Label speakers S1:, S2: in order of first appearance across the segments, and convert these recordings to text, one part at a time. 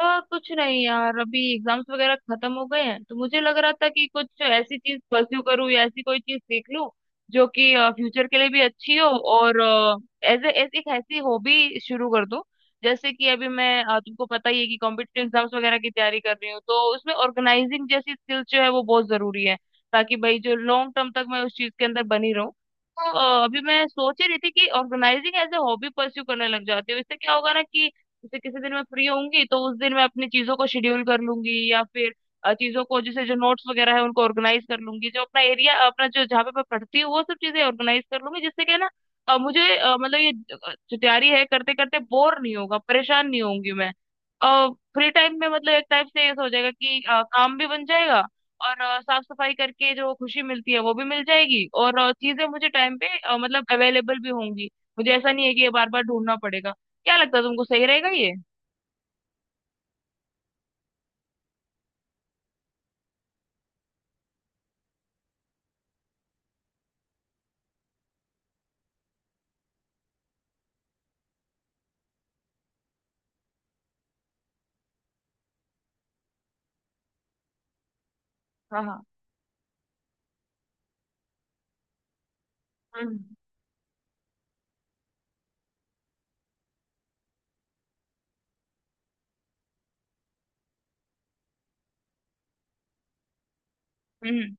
S1: कुछ नहीं यार अभी एग्जाम्स वगैरह खत्म हो गए हैं तो मुझे लग रहा था कि कुछ ऐसी चीज परस्यू करूँ या ऐसी कोई चीज सीख लूं जो कि फ्यूचर के लिए भी अच्छी हो और एज एज एक ऐसी हॉबी शुरू कर दूं। जैसे कि अभी मैं तुमको पता ही है कि कॉम्पिटिटिव एग्जाम्स वगैरह की तैयारी कर रही हूँ तो उसमें ऑर्गेनाइजिंग जैसी स्किल जो है वो बहुत जरूरी है ताकि भाई जो लॉन्ग टर्म तक मैं उस चीज के अंदर बनी रहूं। तो अभी मैं सोच ही रही थी कि organizing as a hobby pursue करने लग जाती हूँ इससे क्या होगा ना कि जैसे किसी दिन मैं फ्री होंगी तो उस दिन मैं अपनी चीजों को शेड्यूल कर लूंगी या फिर चीजों को जैसे जो नोट्स वगैरह है उनको ऑर्गेनाइज कर लूंगी। जो अपना एरिया अपना जो जहाँ पे मैं पढ़ती हूँ वो सब चीजें ऑर्गेनाइज कर लूंगी जिससे कि ना मुझे मतलब ये जो तैयारी है करते करते बोर नहीं होगा परेशान नहीं होंगी मैं। फ्री टाइम में मतलब एक टाइप से ऐसा हो जाएगा कि काम भी बन जाएगा और साफ सफाई करके जो खुशी मिलती है वो भी मिल जाएगी और चीजें मुझे टाइम पे मतलब अवेलेबल भी होंगी। मुझे ऐसा नहीं है कि ये बार बार ढूंढना पड़ेगा। क्या लगता है तुमको, सही रहेगा ये? हाँ हाँ। हम्म हम्म।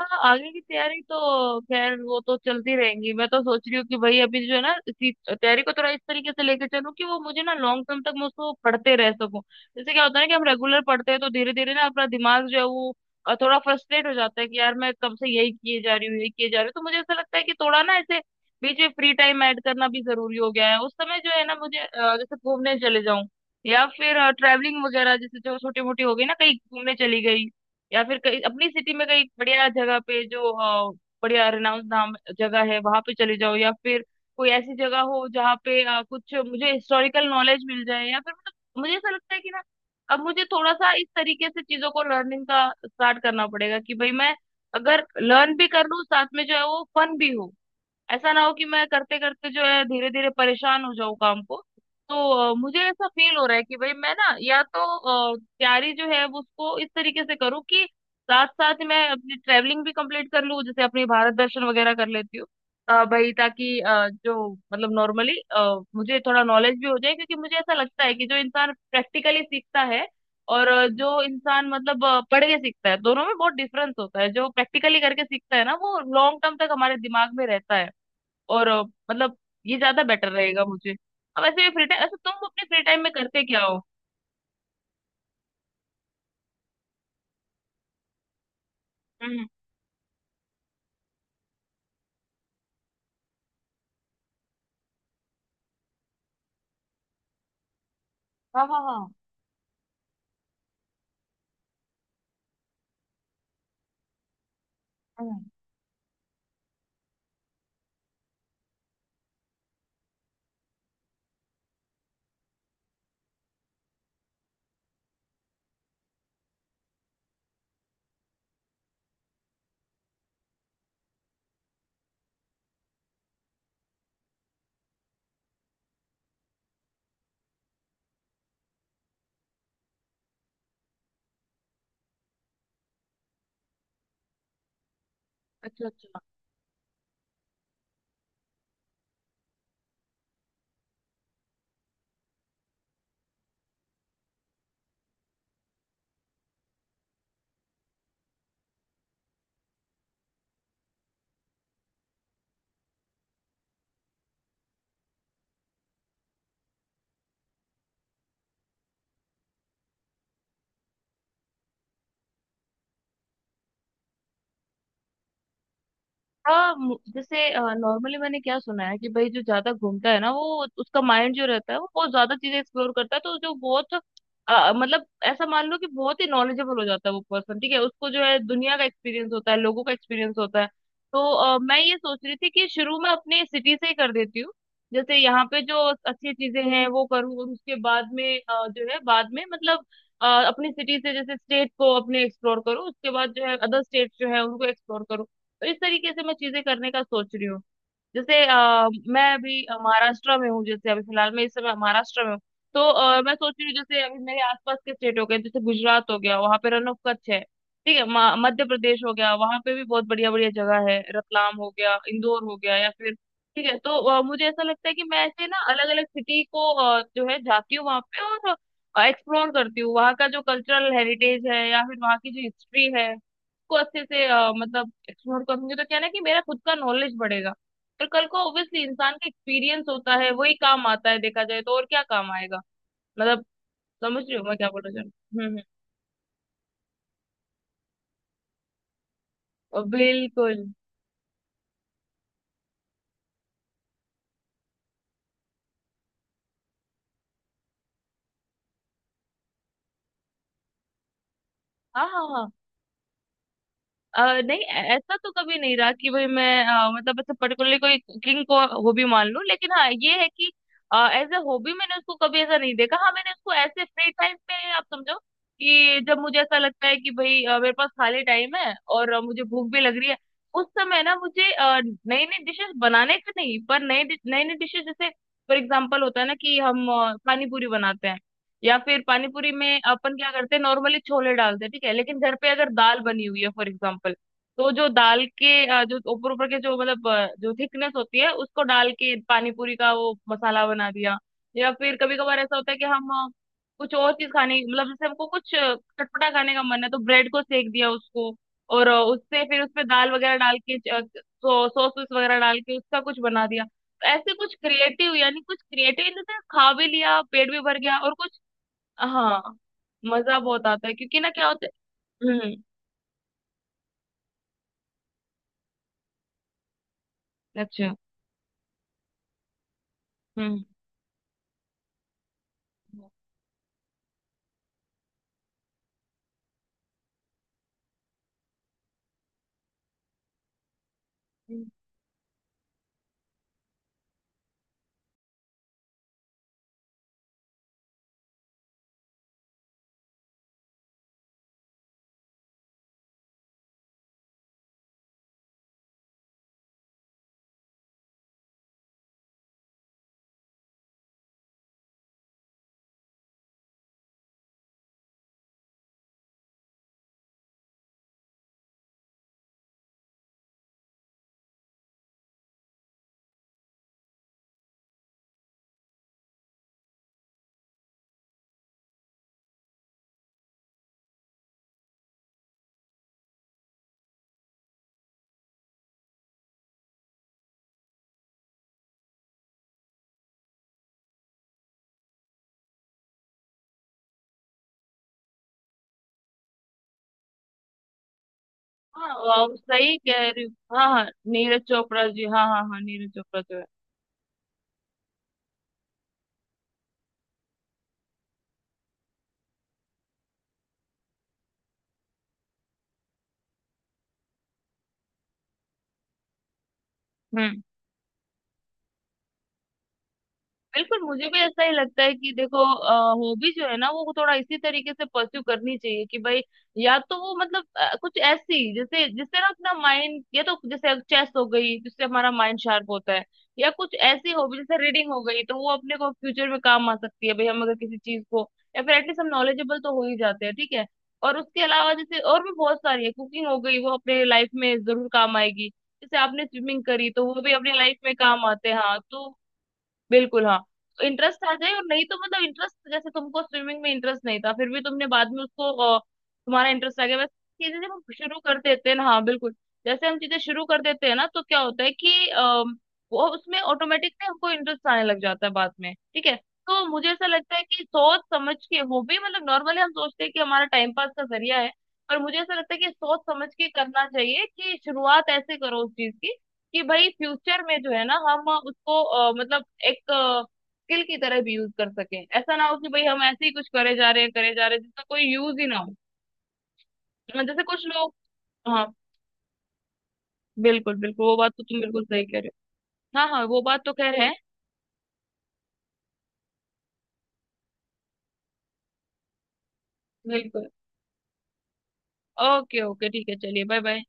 S1: हाँ आगे की तैयारी तो खैर वो तो चलती रहेंगी। मैं तो सोच रही हूँ कि भाई अभी जो है ना इसी तैयारी को थोड़ा इस तरीके से लेके चलूँ कि वो मुझे ना लॉन्ग टर्म तक मैं उसको पढ़ते रह सकूँ। जैसे क्या होता है ना कि हम रेगुलर पढ़ते हैं तो धीरे धीरे ना अपना दिमाग जो है वो थोड़ा फ्रस्ट्रेट हो जाता है कि यार मैं कब से यही किए जा रही हूँ यही किए जा रही हूँ। तो मुझे ऐसा लगता है कि थोड़ा ना ऐसे बीच में फ्री टाइम ऐड करना भी जरूरी हो गया है। उस समय जो है ना मुझे जैसे घूमने चले जाऊं या फिर ट्रैवलिंग वगैरह जैसे जो छोटी मोटी हो गई ना कहीं घूमने चली गई या फिर कहीं अपनी सिटी में कहीं बढ़िया जगह पे जो अ, बढ़िया रिनाउंस नाम जगह है वहां पे चले जाओ या फिर कोई ऐसी जगह हो जहाँ पे कुछ मुझे हिस्टोरिकल नॉलेज मिल जाए या फिर मतलब मुझे ऐसा लगता है कि ना अब मुझे थोड़ा सा इस तरीके से चीजों को लर्निंग का स्टार्ट करना पड़ेगा कि भाई मैं अगर लर्न भी कर लूँ साथ में जो है वो फन भी हो, ऐसा ना हो कि मैं करते करते जो है धीरे धीरे परेशान हो जाऊं काम को। तो मुझे ऐसा फील हो रहा है कि भाई मैं ना या तो तैयारी जो है वो उसको इस तरीके से करूँ कि साथ साथ मैं अपनी ट्रैवलिंग भी कंप्लीट कर लूँ जैसे अपनी भारत दर्शन वगैरह कर लेती हूँ। भाई ताकि जो मतलब नॉर्मली मुझे थोड़ा नॉलेज भी हो जाए क्योंकि मुझे ऐसा लगता है कि जो इंसान प्रैक्टिकली सीखता है और जो इंसान मतलब पढ़ के सीखता है दोनों में बहुत डिफरेंस होता है। जो प्रैक्टिकली करके सीखता है ना वो लॉन्ग टर्म तक हमारे दिमाग में रहता है और मतलब ये ज्यादा बेटर रहेगा मुझे। अब ऐसे फ्री टाइम, अच्छा तुम अपने फ्री टाइम में करते क्या हो? हम्म। हाँ हाँ हाँ। हम्म। अच्छा अच्छा। हाँ जैसे नॉर्मली मैंने क्या सुना है कि भाई जो ज्यादा घूमता है ना वो उसका माइंड जो रहता है वो बहुत ज्यादा चीजें एक्सप्लोर करता है तो जो बहुत मतलब ऐसा मान लो कि बहुत ही नॉलेजेबल हो जाता है वो पर्सन ठीक है, उसको जो है दुनिया का एक्सपीरियंस होता है लोगों का एक्सपीरियंस होता है। तो मैं ये सोच रही थी कि शुरू में अपने सिटी से ही कर देती हूँ जैसे यहाँ पे जो अच्छी चीजें हैं वो करूँ और उसके बाद में जो है बाद में मतलब अपनी सिटी से जैसे स्टेट को अपने एक्सप्लोर करूँ उसके बाद जो है अदर स्टेट जो है उनको एक्सप्लोर करूँ। तो इस तरीके से मैं चीजें करने का सोच रही हूँ। जैसे मैं अभी महाराष्ट्र में हूँ, जैसे अभी फिलहाल मैं इस समय महाराष्ट्र में हूँ। तो मैं सोच रही हूँ जैसे अभी मेरे आसपास के स्टेट हो गए, जैसे गुजरात हो गया वहां पे रन ऑफ कच्छ है। ठीक है, मध्य प्रदेश हो गया वहां पे भी बहुत बढ़िया बढ़िया जगह है, रतलाम हो गया इंदौर हो गया या फिर ठीक है। तो मुझे ऐसा लगता है कि मैं ऐसे ना अलग अलग सिटी को जो है जाती हूँ वहां पे और एक्सप्लोर करती हूँ वहाँ का जो कल्चरल हेरिटेज है या फिर वहाँ की जो हिस्ट्री है उसको अच्छे से मतलब एक्सप्लोर करूंगी तो क्या है ना कि मेरा खुद का नॉलेज बढ़ेगा। पर कल को ऑब्वियसली इंसान का एक्सपीरियंस होता है वही काम आता है देखा जाए तो, और क्या काम आएगा। मतलब समझ रही हो मैं क्या बोल रहा हूँ। हम्म। बिल्कुल। हाँ हाँ। नहीं, ऐसा तो कभी नहीं रहा कि भाई मैं मतलब ऐसे पर्टिकुलरली कोई कुकिंग को हॉबी मान लूं, लेकिन हाँ ये है कि एज ए हॉबी मैंने उसको कभी ऐसा नहीं देखा। हाँ मैंने उसको ऐसे फ्री टाइम पे आप समझो कि जब मुझे ऐसा लगता है कि भाई मेरे पास खाली टाइम है और मुझे भूख भी लग रही है, उस समय ना मुझे नई नई डिशेस बनाने का, नहीं पर नई नई नई डिशेस, जैसे फॉर एग्जाम्पल होता है ना कि हम पानी पूरी बनाते हैं या फिर पानीपुरी में अपन क्या करते हैं नॉर्मली छोले डालते हैं, ठीक है लेकिन घर पे अगर दाल बनी हुई है फॉर एग्जाम्पल तो जो दाल के जो ऊपर ऊपर के जो मतलब जो थिकनेस होती है उसको डाल के पानीपुरी का वो मसाला बना दिया। या फिर कभी कभार ऐसा होता है कि हम कुछ और चीज खाने मतलब जैसे हमको कुछ चटपटा खाने का मन है तो ब्रेड को सेक दिया उसको और उससे फिर उसपे दाल वगैरह डाल के सॉस वॉस वगैरह डाल के उसका कुछ बना दिया। तो ऐसे कुछ क्रिएटिव, यानी कुछ क्रिएटिव इन द सेंस, खा भी लिया पेट भी भर गया और कुछ। हाँ मजा बहुत आता है क्योंकि ना क्या होता है। हम्म। अच्छा। हम्म हम्म। हाँ वाह, सही कह रही हूँ हाँ हाँ। नीरज चोपड़ा जी, हाँ हाँ हाँ, नीरज चोपड़ा जो है। हम्म बिल्कुल, मुझे भी ऐसा ही लगता है कि देखो हॉबी जो है ना वो थोड़ा इसी तरीके से परस्यू करनी चाहिए कि भाई या तो वो मतलब कुछ ऐसी जैसे जिससे ना अपना माइंड, या तो जैसे चेस हो गई जिससे हमारा माइंड शार्प होता है, या कुछ ऐसी हॉबी जैसे रीडिंग हो गई तो वो अपने को फ्यूचर में काम आ सकती है भाई, हम अगर किसी चीज को या फिर एटलीस्ट हम नॉलेजेबल तो हो ही जाते हैं, ठीक है। और उसके अलावा जैसे और भी बहुत सारी है, कुकिंग हो गई वो अपने लाइफ में जरूर काम आएगी, जैसे आपने स्विमिंग करी तो वो भी अपनी लाइफ में काम आते हैं, हाँ तो। बिल्कुल हाँ। तो इंटरेस्ट आ जाए, और नहीं तो मतलब इंटरेस्ट जैसे तुमको स्विमिंग में इंटरेस्ट नहीं था फिर भी तुमने बाद में उसको अ, तुम्हारा इंटरेस्ट आ गया बस। चीजें जब हम शुरू कर देते हैं ना, हाँ बिल्कुल। जैसे हम चीजें शुरू कर देते हैं ना तो क्या होता है कि वो उसमें ऑटोमेटिक ना हमको इंटरेस्ट आने लग जाता है बाद में, ठीक है। तो मुझे ऐसा लगता है कि सोच समझ के, वो भी मतलब नॉर्मली हम सोचते हैं कि हमारा टाइम पास का जरिया है। पर मुझे ऐसा लगता है कि सोच समझ के करना चाहिए कि शुरुआत ऐसे करो उस चीज की कि भाई फ्यूचर में जो है ना हम उसको मतलब एक स्किल की तरह भी यूज कर सकें। ऐसा ना हो कि भाई हम ऐसे ही कुछ करे जा रहे हैं करे जा रहे हैं जिसका कोई यूज ही ना हो। मतलब जैसे कुछ लोग। हाँ बिल्कुल बिल्कुल, वो बात तो तुम बिल्कुल सही कह रहे हो, हाँ हाँ वो बात तो कह रहे हैं। बिल्कुल। ओके ओके ठीक है, चलिए बाय बाय।